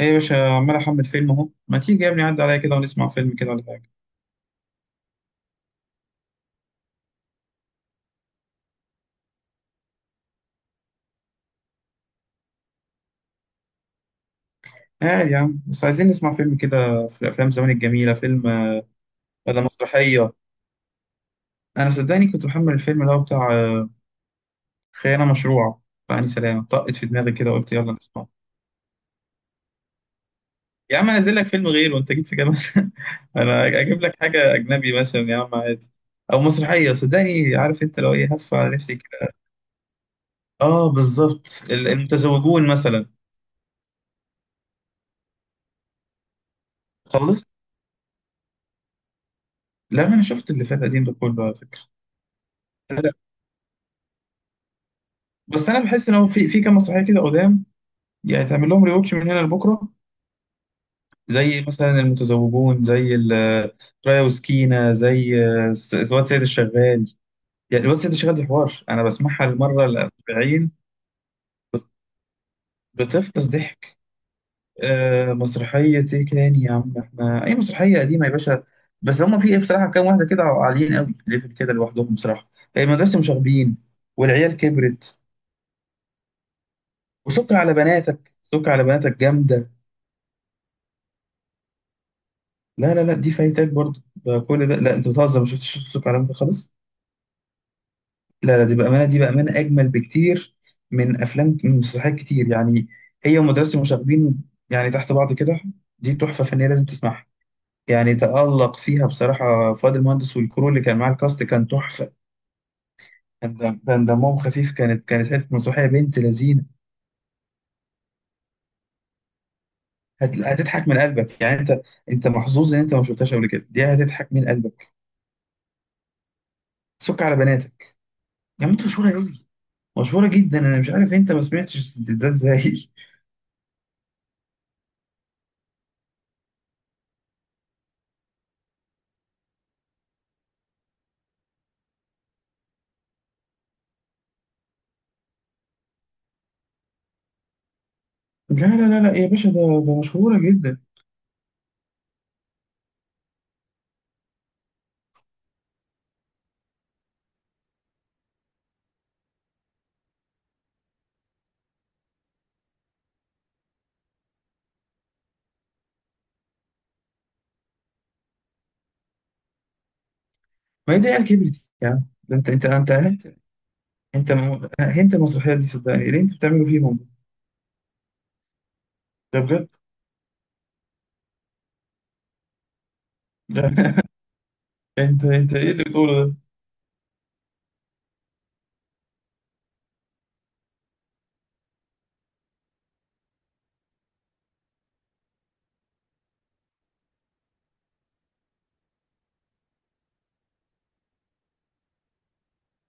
ايه يا باشا عمال احمل فيلم اهو، ما تيجي يا ابني عدى عليا كده ونسمع فيلم كده ولا حاجه. اه يا عم بس عايزين نسمع فيلم كده، في افلام زمان الجميله، فيلم ولا مسرحيه. انا صدقني كنت محمل الفيلم اللي هو بتاع خيانه مشروعه، فاني سلام طقت في دماغي كده وقلت يلا نسمعه. يا عم انزل لك فيلم غيره، وانت جيت في جامعه انا اجيب لك حاجه اجنبي مثلا يا عم عادي، او مسرحيه، صدقني عارف انت لو ايه هف على نفسي كده. اه بالظبط المتزوجون مثلا. خلصت. لا ما انا شفت اللي فات قديم ده كله على فكره. بس انا بحس ان هو في كام مسرحيه كده قدام، يعني تعمل لهم ريوتش من هنا لبكره. زي مثلا المتزوجون، زي رايا وسكينه، زي الواد سيد الشغال. يعني الواد سيد الشغال دي حوار انا بسمعها المره الأربعين. بتفطس ضحك. آه، مسرحيه ايه تاني يا عم؟ احنا اي مسرحيه قديمه يا باشا، بس هما في ايه بصراحه كام واحده كده عاليين قوي ليفل كده لوحدهم بصراحه، يعني مدرسه مشاغبين والعيال كبرت. وسك على بناتك، سك على بناتك جامده. لا لا لا، دي فايتك برضو ده، كل ده لا انت بتهزر، ما شفتش شفت الكلام ده خالص. لا لا دي بامانه، دي بامانه اجمل بكتير من افلام، من مسرحيات كتير يعني، هي ومدرسه المشاغبين، يعني تحت بعض كده. دي تحفه فنيه لازم تسمعها. يعني تألق فيها بصراحه فؤاد المهندس، والكرو اللي كان معاه الكاست كان تحفه. كان دمهم خفيف، كانت حته مسرحيه بنت لذينه. هتضحك من قلبك يعني انت، انت محظوظ ان انت ما شفتهاش قبل كده، دي هتضحك من قلبك. سك على بناتك. يا عم انتوا مشهوره قوي، مشهورة جدا، أنا مش عارف أنت ما سمعتش ده إزاي. لا لا لا لا يا باشا، ده ده مشهورة جدا. ما هي دي عيال كبرت يا عم. ده أنت أهنت المسرحية دي صدقني اللي أنت بتعمله فيهم. ده بجد. ده أنت، أنت إيه اللي بتقوله ده؟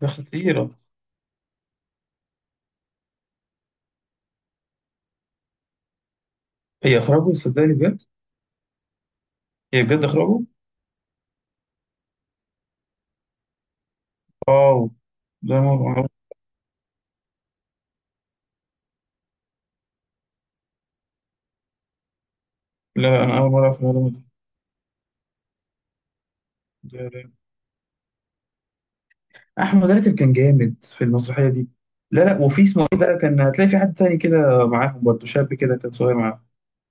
ده خطيرة. هي إخراجه صدقني بجد. هي بجد إخراجه. واو. ده ما لا لا، أنا أول مرة أعرف المعلومة دي. لا لا، أحمد راتب كان جامد في المسرحية دي. لا لا، وفي اسمه إيه بقى، كان هتلاقي في حد تاني كده معاهم برضه، شاب كده كان صغير معاهم،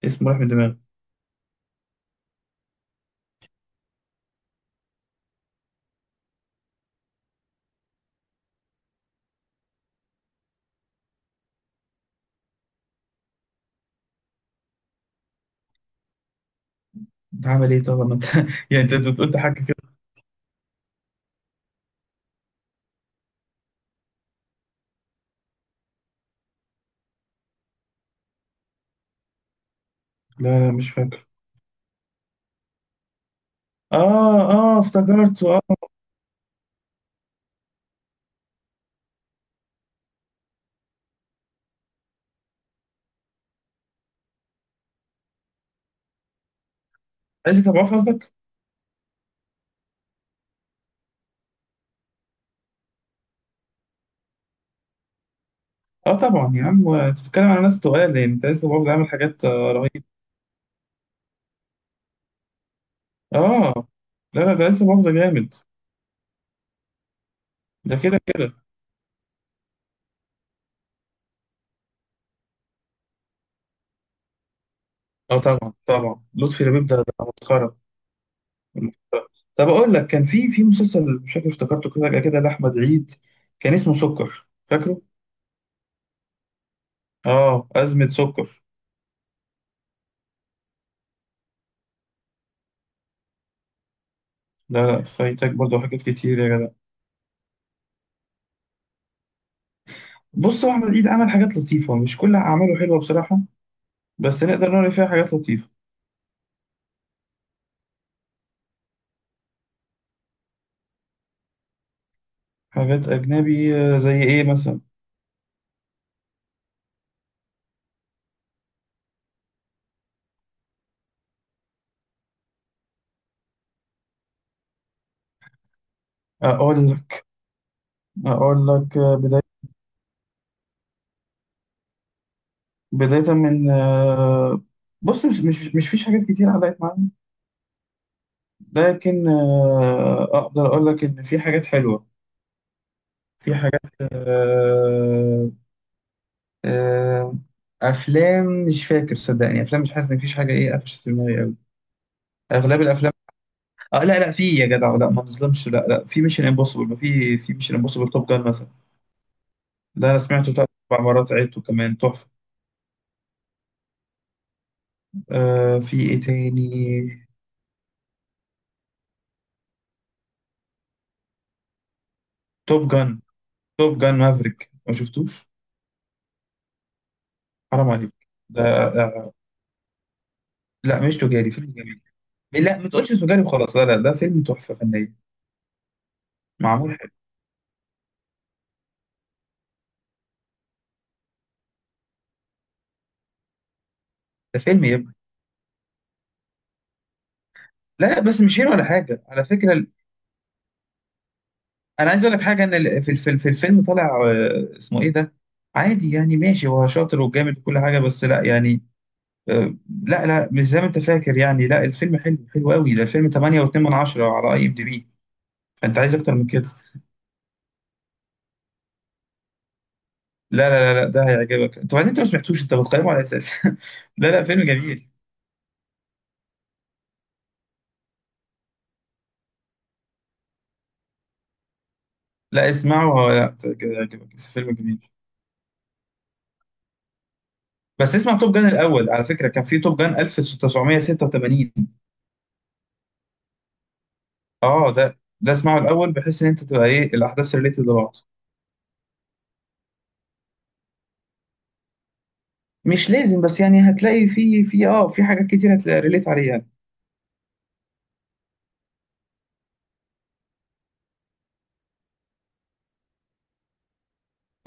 اسمه راح من دماغي. بعمل ايه طبعا ما انت يعني انت، أنت قلت حاجه كده. لا لا مش فاكر. اه اه افتكرت اه. عايز تضعف قصدك. اه طبعا يا عم، انت بتتكلم على ناس تقال، يعني انت عايز تضعف ده عامل حاجات رهيبه. اه، لا لا ده عايز تضعف ده جامد. ده كده كده. اه طبعا طبعا لطفي لبيب ده ده مسخره. طب اقول لك، كان في مسلسل مش فاكر افتكرته كده كده لاحمد عيد، كان اسمه سكر فاكره؟ اه ازمه سكر. لا لا فايتك برضه حاجات كتير يا جدع. بص هو احمد عيد عمل حاجات لطيفة، مش كل أعماله حلوة بصراحة، بس نقدر نقول إن فيها حاجات لطيفة. حاجات أجنبي زي إيه مثلا؟ أقول لك، أقول لك آه، بداية بداية من آه، بص، مش فيش حاجات كتير علقت معايا، لكن أقدر أقول لك إن في حاجات حلوة. في حاجات آه، أفلام مش فاكر صدقني، أفلام مش حاسس إن فيش حاجة إيه قفشت في دماغي أوي، أغلب الأفلام. آه لا لا في يا جدع، لا ما نظلمش، لا لا في ميشن امبوسيبل، ما في ميشن امبوسيبل توب جان مثلا. ده انا سمعته تلات اربع مرات، عدته كمان تحفه. آه، في ايه تاني؟ توب جان، توب جان مافريك ما شفتوش؟ حرام عليك. ده آه، لا مش تجاري، فيلم جميل. لا ما تقولش تجاري وخلاص، لا لا ده فيلم تحفه فنيه، معمول حلو. ده فيلم يا ابني. لا لا بس مش هيرو ولا حاجه على فكره انا عايز اقول لك حاجه، ان في الفيلم، في الفيلم طالع اسمه ايه ده، عادي يعني ماشي، هو شاطر وجامد وكل حاجه، بس لا يعني آه، لا لا مش زي ما انت فاكر يعني، لا الفيلم حلو، حلو قوي، ده الفيلم 8.2 من 10 على اي ام دي بي، فانت عايز اكتر من كده؟ لا لا لا لا، ده هيعجبك انت بعدين، انت ما سمعتوش انت بتقيمه على اساس لا لا فيلم جميل. لا اسمعه هو، لا ت- هيعجبك، بس فيلم جميل. بس اسمع توب جان الاول على فكره، كان في توب جان 1986. اه ده، ده اسمعه الاول بحيث ان انت تبقى ايه الاحداث ريليتد لبعض. مش لازم، بس يعني هتلاقي في اه في حاجات كتير هتلاقي ريليت عليها.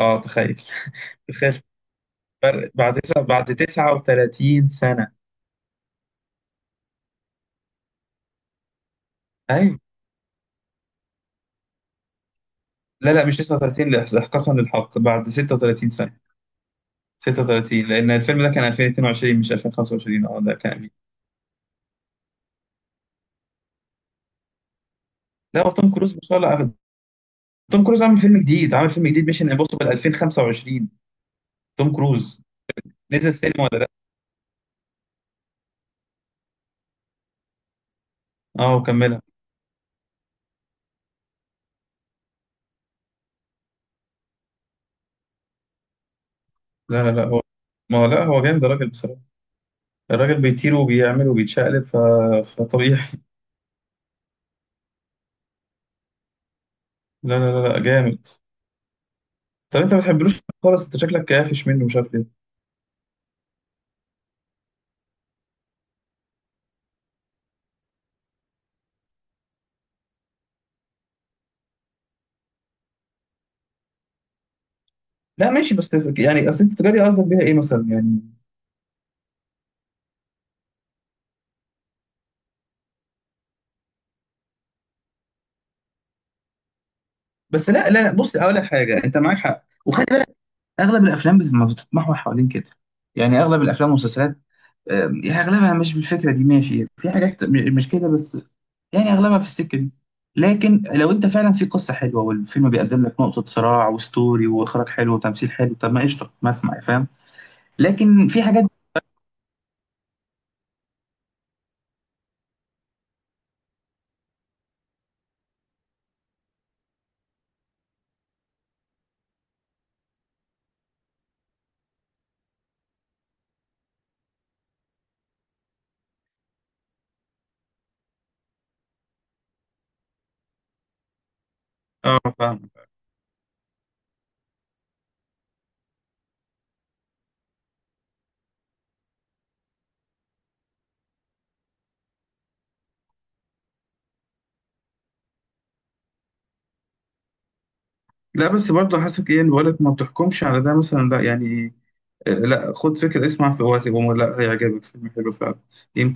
اه تخيل. تخيل فرق بعد تسعة، بعد 39 سنة. أيوة. لا لا مش 39، لا، إحقاقا للحق بعد 36 سنة. 36، لأن الفيلم ده كان 2022 مش 2025، أه ده كان. لا هو توم كروز ما شاء الله توم كروز عامل فيلم جديد، عامل فيلم جديد ميشن امبوسيبل 2025. توم كروز نزل سينما ولا لا؟ أه وكملها. لا لا لا هو، ما هو لا هو جامد الراجل بصراحة، الراجل بيطير وبيعمل وبيتشقلب فطبيعي. لا لا لا لا جامد. طب أنت ما بتحبلوش خالص، أنت شكلك كافش منه مش عارف. لا ماشي، يعني اصل التجاري قصدك بيها ايه مثلا يعني؟ بس لا لا، بص اقول لك حاجه، انت معاك حق وخلي بالك، اغلب الافلام ما بتتمحور حوالين كده، يعني اغلب الافلام والمسلسلات، يعني اغلبها مش بالفكره دي، ماشي في حاجات مش كده بس، يعني اغلبها في السكه دي. لكن لو انت فعلا في قصه حلوه، والفيلم بيقدم لك نقطه صراع وستوري واخراج حلو وتمثيل حلو، طب ما قشطه، ما اسمع، فاهم؟ لكن في حاجات. اه فاهم. لا بس برضه حاسس ايه اللي بقولك، ما بتحكمش على ده مثلا ده يعني. لا خد فكرة اسمع، في وقت لا، هيعجبك فيلم حلو فعلا، يمكن من